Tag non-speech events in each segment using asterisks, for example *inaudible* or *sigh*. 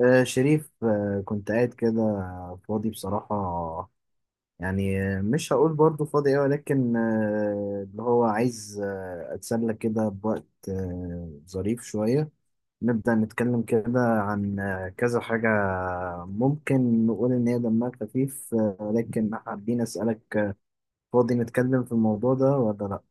آه، شريف، كنت قاعد كده فاضي بصراحة. يعني مش هقول برضو فاضي أوي، ولكن اللي هو عايز أتسلى كده بوقت ظريف شوية. نبدأ نتكلم كده عن كذا حاجة. ممكن نقول إن هي دمها خفيف، ولكن حابين أسألك، فاضي نتكلم في الموضوع ده ولا لأ؟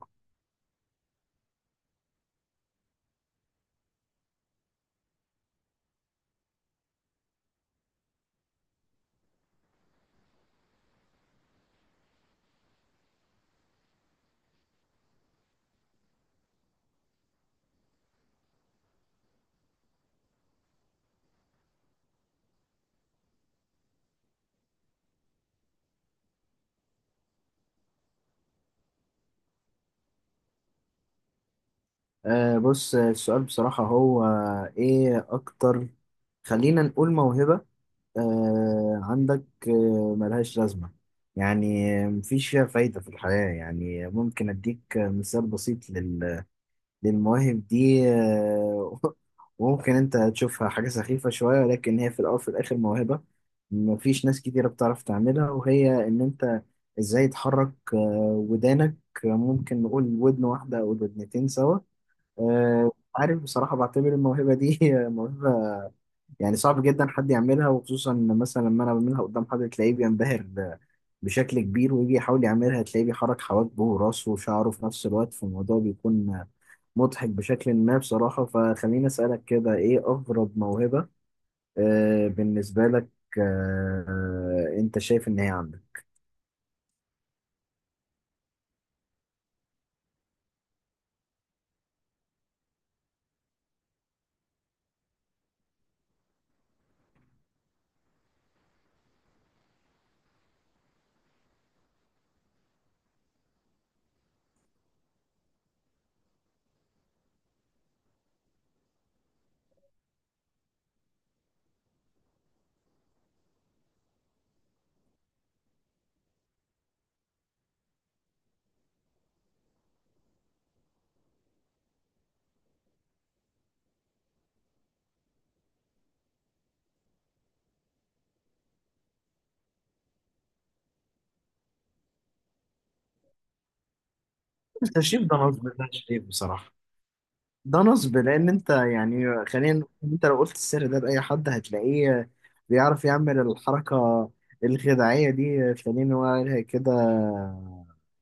بص، السؤال بصراحة هو إيه أكتر؟ خلينا نقول موهبة عندك ملهاش لازمة. يعني مفيش فيها فايدة في الحياة. يعني ممكن أديك مثال بسيط للمواهب دي *laughs* وممكن أنت تشوفها حاجة سخيفة شوية، ولكن هي في الأول وفي الآخر موهبة. مفيش ناس كتيرة بتعرف تعملها، وهي إن أنت إزاي تحرك ودانك. ممكن نقول ودن واحدة أو ودنتين سوا. عارف، بصراحة بعتبر الموهبة دي *laughs* موهبة. يعني صعب جدا حد يعملها، وخصوصا إن مثلا لما انا بعملها قدام حد تلاقيه بينبهر بشكل كبير، ويجي يحاول يعملها تلاقيه بيحرك حواجبه وراسه وشعره في نفس الوقت، فالموضوع بيكون مضحك بشكل ما بصراحة. فخليني أسألك كده، إيه أغرب موهبة بالنسبة لك أنت شايف إن هي عندك؟ التنشيف ده نصب، ده شايف بصراحة، ده نصب، لان انت يعني خلينا نقول إن انت لو قلت السر ده لاي حد هتلاقيه بيعرف يعمل الحركه الخداعيه دي، خلينا نقول كده،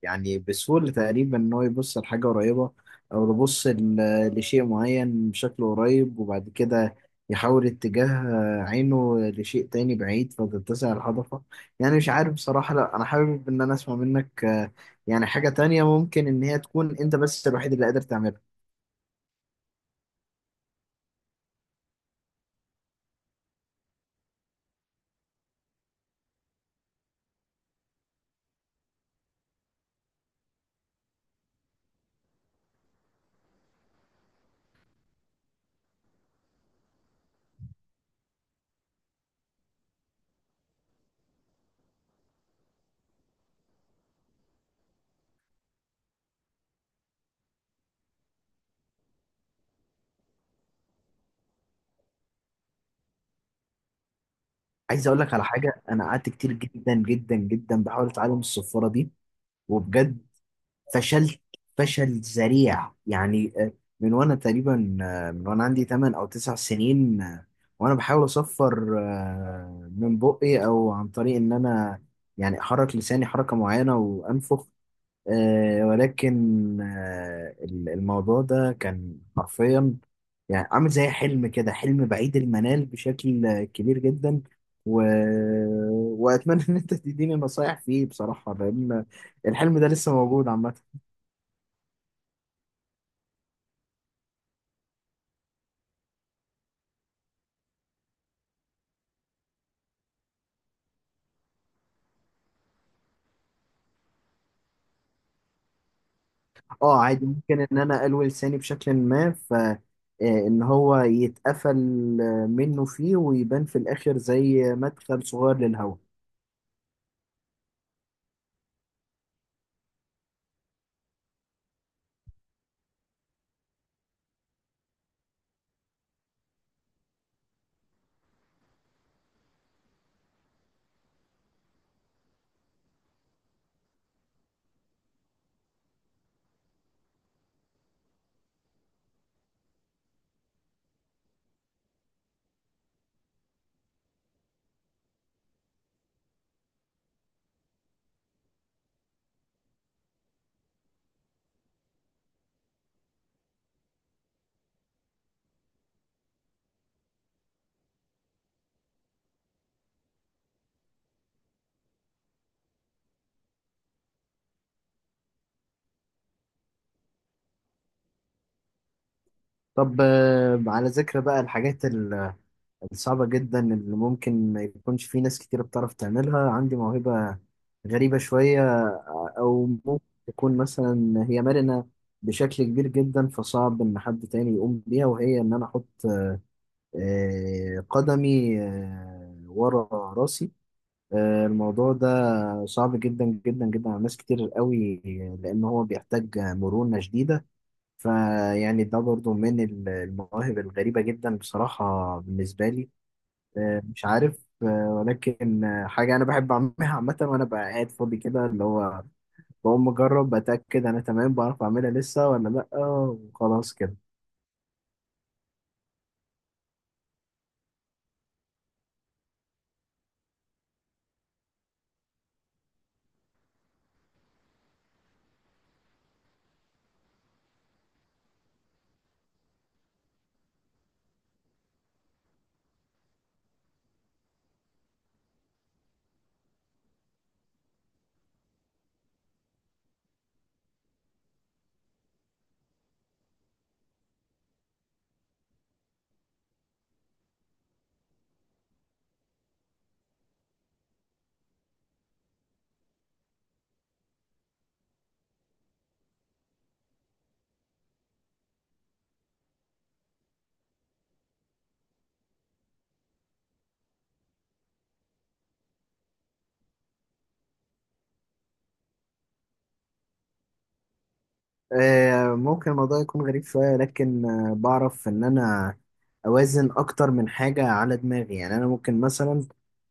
يعني بسهوله تقريبا ان هو يبص لحاجه قريبه، او يبص لشيء معين بشكل قريب، وبعد كده يحول اتجاه عينه لشيء تاني بعيد فتتسع الهضفه. يعني مش عارف بصراحه. لا، انا حابب ان انا اسمع منك، يعني حاجه تانية ممكن ان هي تكون انت بس الوحيد اللي قادر تعملها. عايز اقول لك على حاجه. انا قعدت كتير جدا جدا جدا بحاول اتعلم الصفاره دي، وبجد فشلت فشل ذريع يعني. من وانا عندي 8 او 9 سنين، وانا بحاول اصفر، من بقي او عن طريق ان انا يعني احرك لساني حركه معينه وانفخ. ولكن الموضوع ده كان حرفيا، يعني عامل زي حلم كده، حلم بعيد المنال بشكل كبير جدا. و... واتمنى ان انت تديني نصايح فيه بصراحه، لان الحلم ده لسه موجود عامه. اه عادي، ممكن ان انا الوي لساني بشكل ما ف آه، ان هو يتقفل منه فيه ويبان في الاخر زي مدخل صغير للهواء. طب، على ذكر بقى الحاجات صعبة جدا اللي ممكن ما يكونش في ناس كتير بتعرف تعملها، عندي موهبة غريبة شوية، أو ممكن تكون مثلا هي مرنة بشكل كبير جدا، فصعب إن حد تاني يقوم بيها. وهي إن أنا أحط قدمي ورا راسي. الموضوع ده صعب جدا جدا جدا على ناس كتير قوي، لأن هو بيحتاج مرونة شديدة. فيعني ده برضو من المواهب الغريبة جدا بصراحة بالنسبة لي. مش عارف، ولكن حاجة أنا بحب أعملها عامة وأنا بقى قاعد فاضي كده، اللي هو بقوم أجرب بتأكد أنا تمام بعرف أعملها لسه ولا لأ، وخلاص كده. ممكن الموضوع يكون غريب شوية، لكن بعرف إن أنا أوازن أكتر من حاجة على دماغي. يعني أنا ممكن مثلا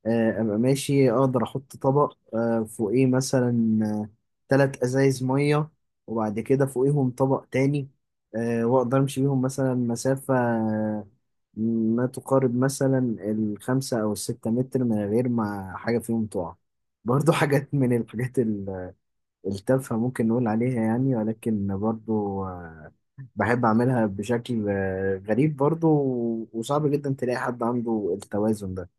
أبقى ماشي أقدر أحط طبق فوقيه مثلا 3 أزايز مية، وبعد كده فوقيهم طبق تاني، وأقدر أمشي بيهم مثلا مسافة ما تقارب مثلا الخمسة أو الستة متر من غير ما حاجة فيهم تقع. برضو *laughs* حاجات من الحاجات التلفة ممكن نقول عليها يعني، ولكن برضو بحب أعملها بشكل غريب برضو، وصعب جدا تلاقي حد عنده التوازن ده.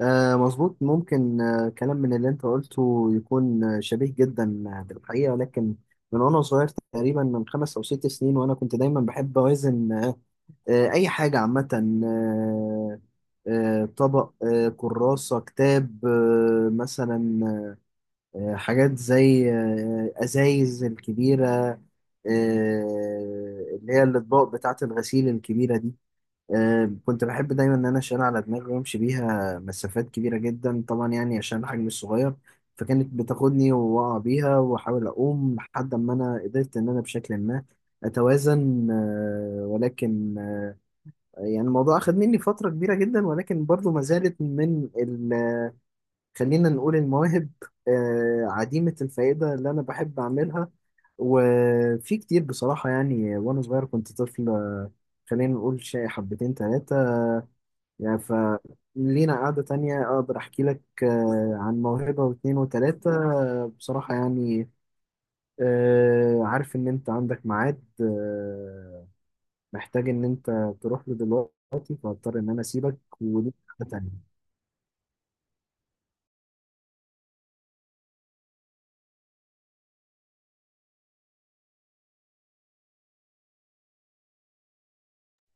آه، مظبوط، ممكن كلام من اللي أنت قلته يكون شبيه جدا بالحقيقة. ولكن من وأنا صغير تقريبا من 5 أو 6 سنين، وأنا كنت دايما بحب أوازن، أي حاجة عامة آه، طبق كراسة كتاب مثلا حاجات زي أزايز الكبيرة، اللي هي الأطباق بتاعة الغسيل الكبيرة دي. كنت بحب دايما إن أنا أشيل على دماغي وأمشي بيها مسافات كبيرة جدا طبعا، يعني عشان الحجم الصغير. فكانت بتاخدني وأقع بيها وأحاول أقوم لحد ما أنا قدرت إن أنا بشكل ما أتوازن، ولكن يعني الموضوع أخد مني فترة كبيرة جدا، ولكن برضو ما زالت من خلينا نقول المواهب عديمة الفائدة اللي أنا بحب أعملها. وفي كتير بصراحة يعني، وأنا صغير كنت طفل، خلينا نقول شيء حبتين تلاتة. يعني فلينا قعدة تانية أقدر أحكي لك عن موهبة واتنين وتلاتة. بصراحة يعني، عارف إن أنت عندك ميعاد، محتاج إن أنت تروح له دلوقتي، فهضطر إن أنا أسيبك ودي قعدة تانية.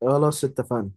خلاص اتفقنا.